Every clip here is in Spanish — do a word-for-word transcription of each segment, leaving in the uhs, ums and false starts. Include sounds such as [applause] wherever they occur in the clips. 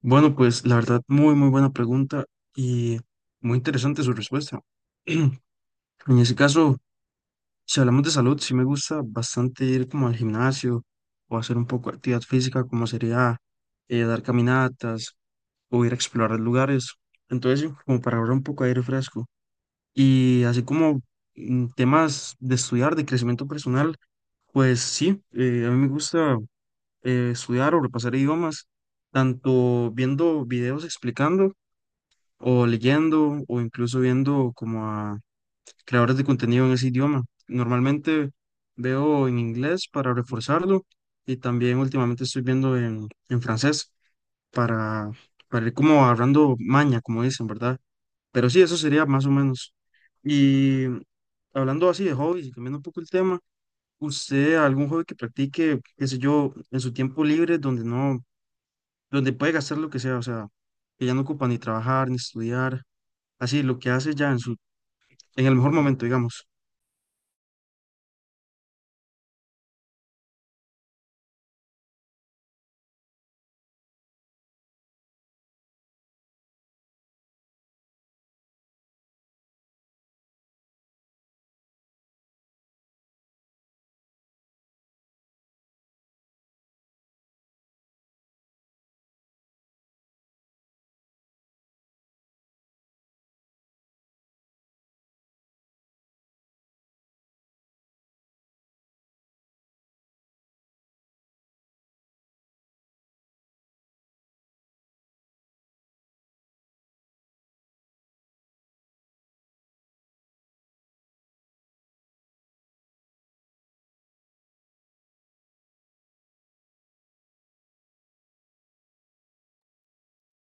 Bueno, pues la verdad, muy, muy buena pregunta y muy interesante su respuesta. [clears throat] En ese caso, si hablamos de salud, sí me gusta bastante ir como al gimnasio o hacer un poco de actividad física, como sería eh, dar caminatas o ir a explorar lugares. Entonces, sí, como para ahorrar un poco de aire fresco. Y así como mm, temas de estudiar, de crecimiento personal, pues sí, eh, a mí me gusta eh, estudiar o repasar idiomas, tanto viendo videos explicando o leyendo o incluso viendo como a creadores de contenido en ese idioma. Normalmente veo en inglés para reforzarlo y también últimamente estoy viendo en, en francés para, para ir como agarrando maña, como dicen, ¿verdad? Pero sí, eso sería más o menos. Y hablando así de hobbies y cambiando un poco el tema, ¿usted algún hobby que practique, qué sé yo, en su tiempo libre, donde no, donde puede gastar lo que sea, o sea, que ya no ocupa ni trabajar, ni estudiar? Así lo que hace ya en su, en el mejor momento, digamos.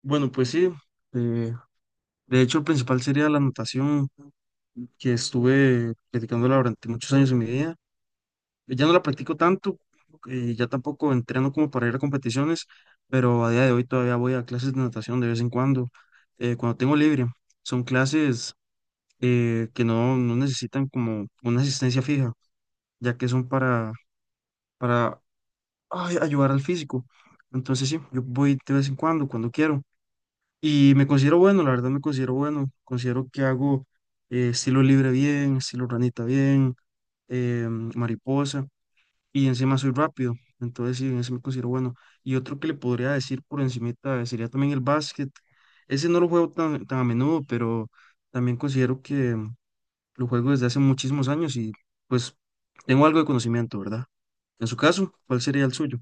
Bueno, pues sí, eh, de hecho, el principal sería la natación que estuve practicándola durante muchos años en mi vida. Ya no la practico tanto, eh, ya tampoco entreno como para ir a competiciones, pero a día de hoy todavía voy a clases de natación de vez en cuando, eh, cuando tengo libre. Son clases eh, que no, no necesitan como una asistencia fija, ya que son para, para ay, ayudar al físico. Entonces sí, yo voy de vez en cuando, cuando quiero. Y me considero bueno, la verdad me considero bueno. Considero que hago eh, estilo libre bien, estilo ranita bien, eh, mariposa, y encima soy rápido. Entonces sí, en ese me considero bueno. Y otro que le podría decir por encimita sería también el básquet. Ese no lo juego tan, tan a menudo, pero también considero que lo juego desde hace muchísimos años y pues tengo algo de conocimiento, ¿verdad? En su caso, ¿cuál sería el suyo?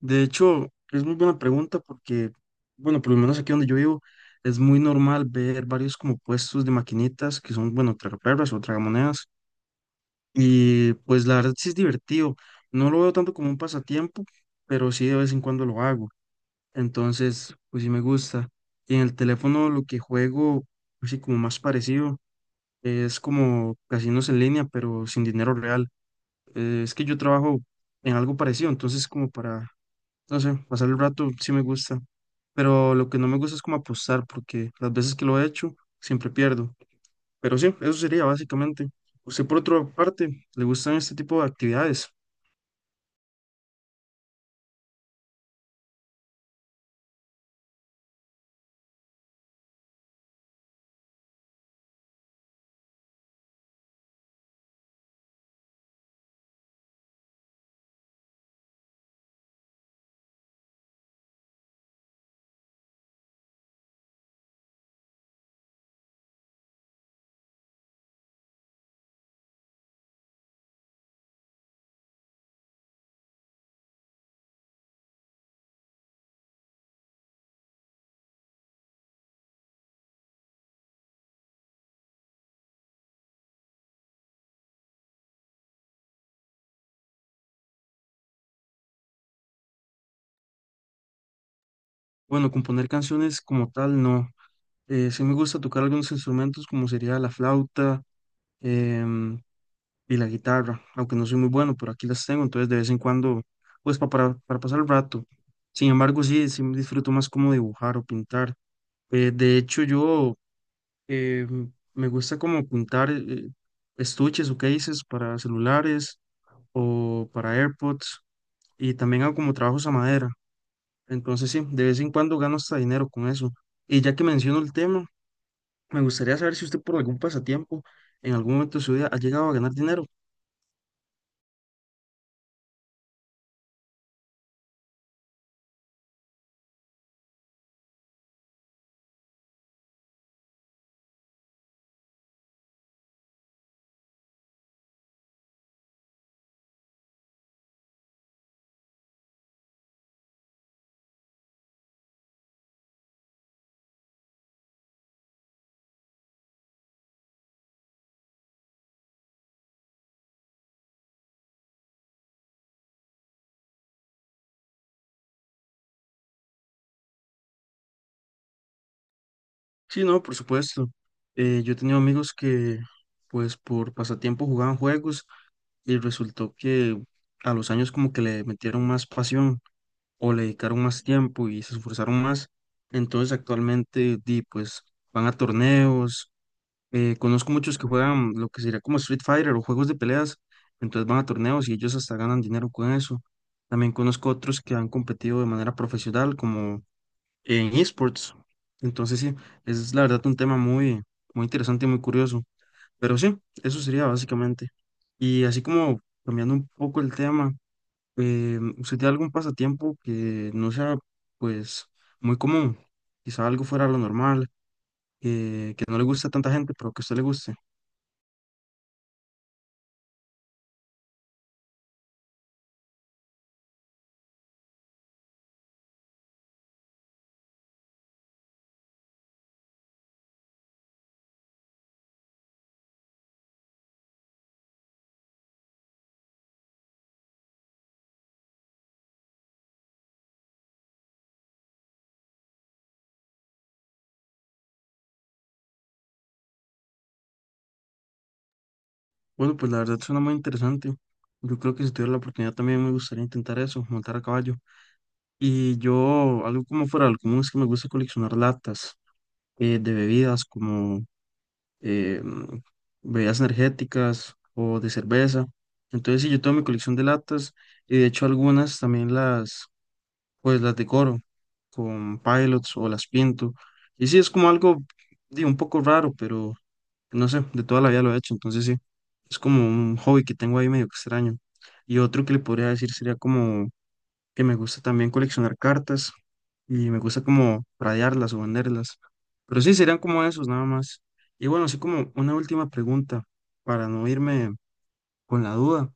De hecho, es muy buena pregunta porque, bueno, por lo menos aquí donde yo vivo, es muy normal ver varios como puestos de maquinitas que son, bueno, tragaperras o tragamonedas. Y pues la verdad sí es divertido. No lo veo tanto como un pasatiempo, pero sí de vez en cuando lo hago. Entonces, pues sí me gusta. Y en el teléfono lo que juego, así como más parecido, es como casinos en línea, pero sin dinero real. Eh, es que yo trabajo en algo parecido, entonces como para no sé, pasar el rato sí me gusta, pero lo que no me gusta es como apostar, porque las veces que lo he hecho siempre pierdo. Pero sí, eso sería básicamente. Usted por otra parte, ¿le gustan este tipo de actividades? Bueno, componer canciones como tal, no. Eh, sí me gusta tocar algunos instrumentos como sería la flauta em, y la guitarra, aunque no soy muy bueno, pero aquí las tengo, entonces de vez en cuando, pues pa- para, para pasar el rato. Sin embargo, sí, sí disfruto más como dibujar o pintar. Eh, de hecho, yo eh, me gusta como pintar eh, estuches o cases para celulares o para AirPods y también hago como trabajos a madera. Entonces sí, de vez en cuando gano hasta dinero con eso. Y ya que menciono el tema, me gustaría saber si usted por algún pasatiempo en algún momento de su vida ha llegado a ganar dinero. Sí, no, por supuesto. Eh, yo he tenido amigos que pues por pasatiempo jugaban juegos y resultó que a los años como que le metieron más pasión. O le dedicaron más tiempo y se esforzaron más. Entonces actualmente di, pues van a torneos. Eh, conozco muchos que juegan lo que sería como Street Fighter o juegos de peleas. Entonces van a torneos y ellos hasta ganan dinero con eso. También conozco otros que han competido de manera profesional como en esports. Entonces sí, es la verdad un tema muy, muy interesante y muy curioso. Pero sí, eso sería básicamente. Y así como cambiando un poco el tema. Eh, usted tiene algún pasatiempo que no sea, pues, muy común? Quizá algo fuera de lo normal, eh, que no le guste a tanta gente, pero que a usted le guste. Bueno, pues la verdad suena muy interesante. Yo creo que si tuviera la oportunidad también me gustaría intentar eso, montar a caballo. Y yo, algo como fuera de lo común es que me gusta coleccionar latas eh, de bebidas como eh, mm, bebidas energéticas o de cerveza. Entonces, sí, yo tengo mi colección de latas y de hecho algunas también las pues las decoro con Pilots o las pinto. Y sí, es como algo, digo, un poco raro, pero no sé, de toda la vida lo he hecho, entonces sí, es como un hobby que tengo ahí medio extraño. Y otro que le podría decir sería como que me gusta también coleccionar cartas y me gusta como rayarlas o venderlas. Pero sí, serían como esos nada más. Y bueno, así como una última pregunta para no irme con la duda.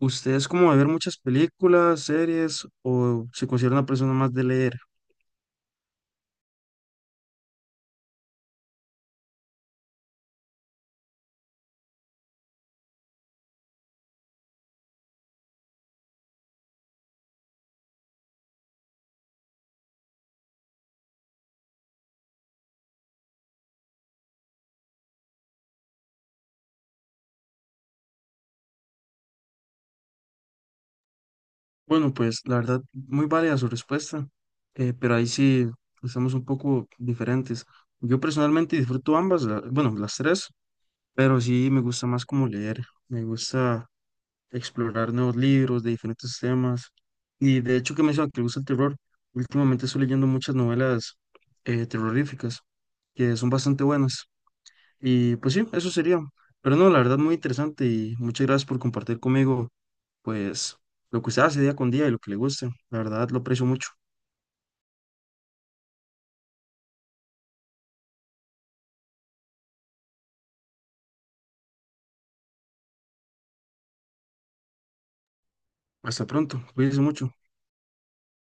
¿Usted es como de ver muchas películas, series o se considera una persona más de leer? Bueno, pues la verdad, muy válida su respuesta, eh, pero ahí sí estamos un poco diferentes. Yo personalmente disfruto ambas, la- bueno, las tres, pero sí me gusta más como leer, me gusta explorar nuevos libros de diferentes temas. Y de hecho que menciona que le gusta el terror, últimamente estoy leyendo muchas novelas eh, terroríficas que son bastante buenas. Y pues sí, eso sería. Pero no, la verdad, muy interesante y muchas gracias por compartir conmigo, pues, lo que usted hace día con día y lo que le guste. La verdad, lo aprecio mucho. Hasta pronto, cuídense mucho.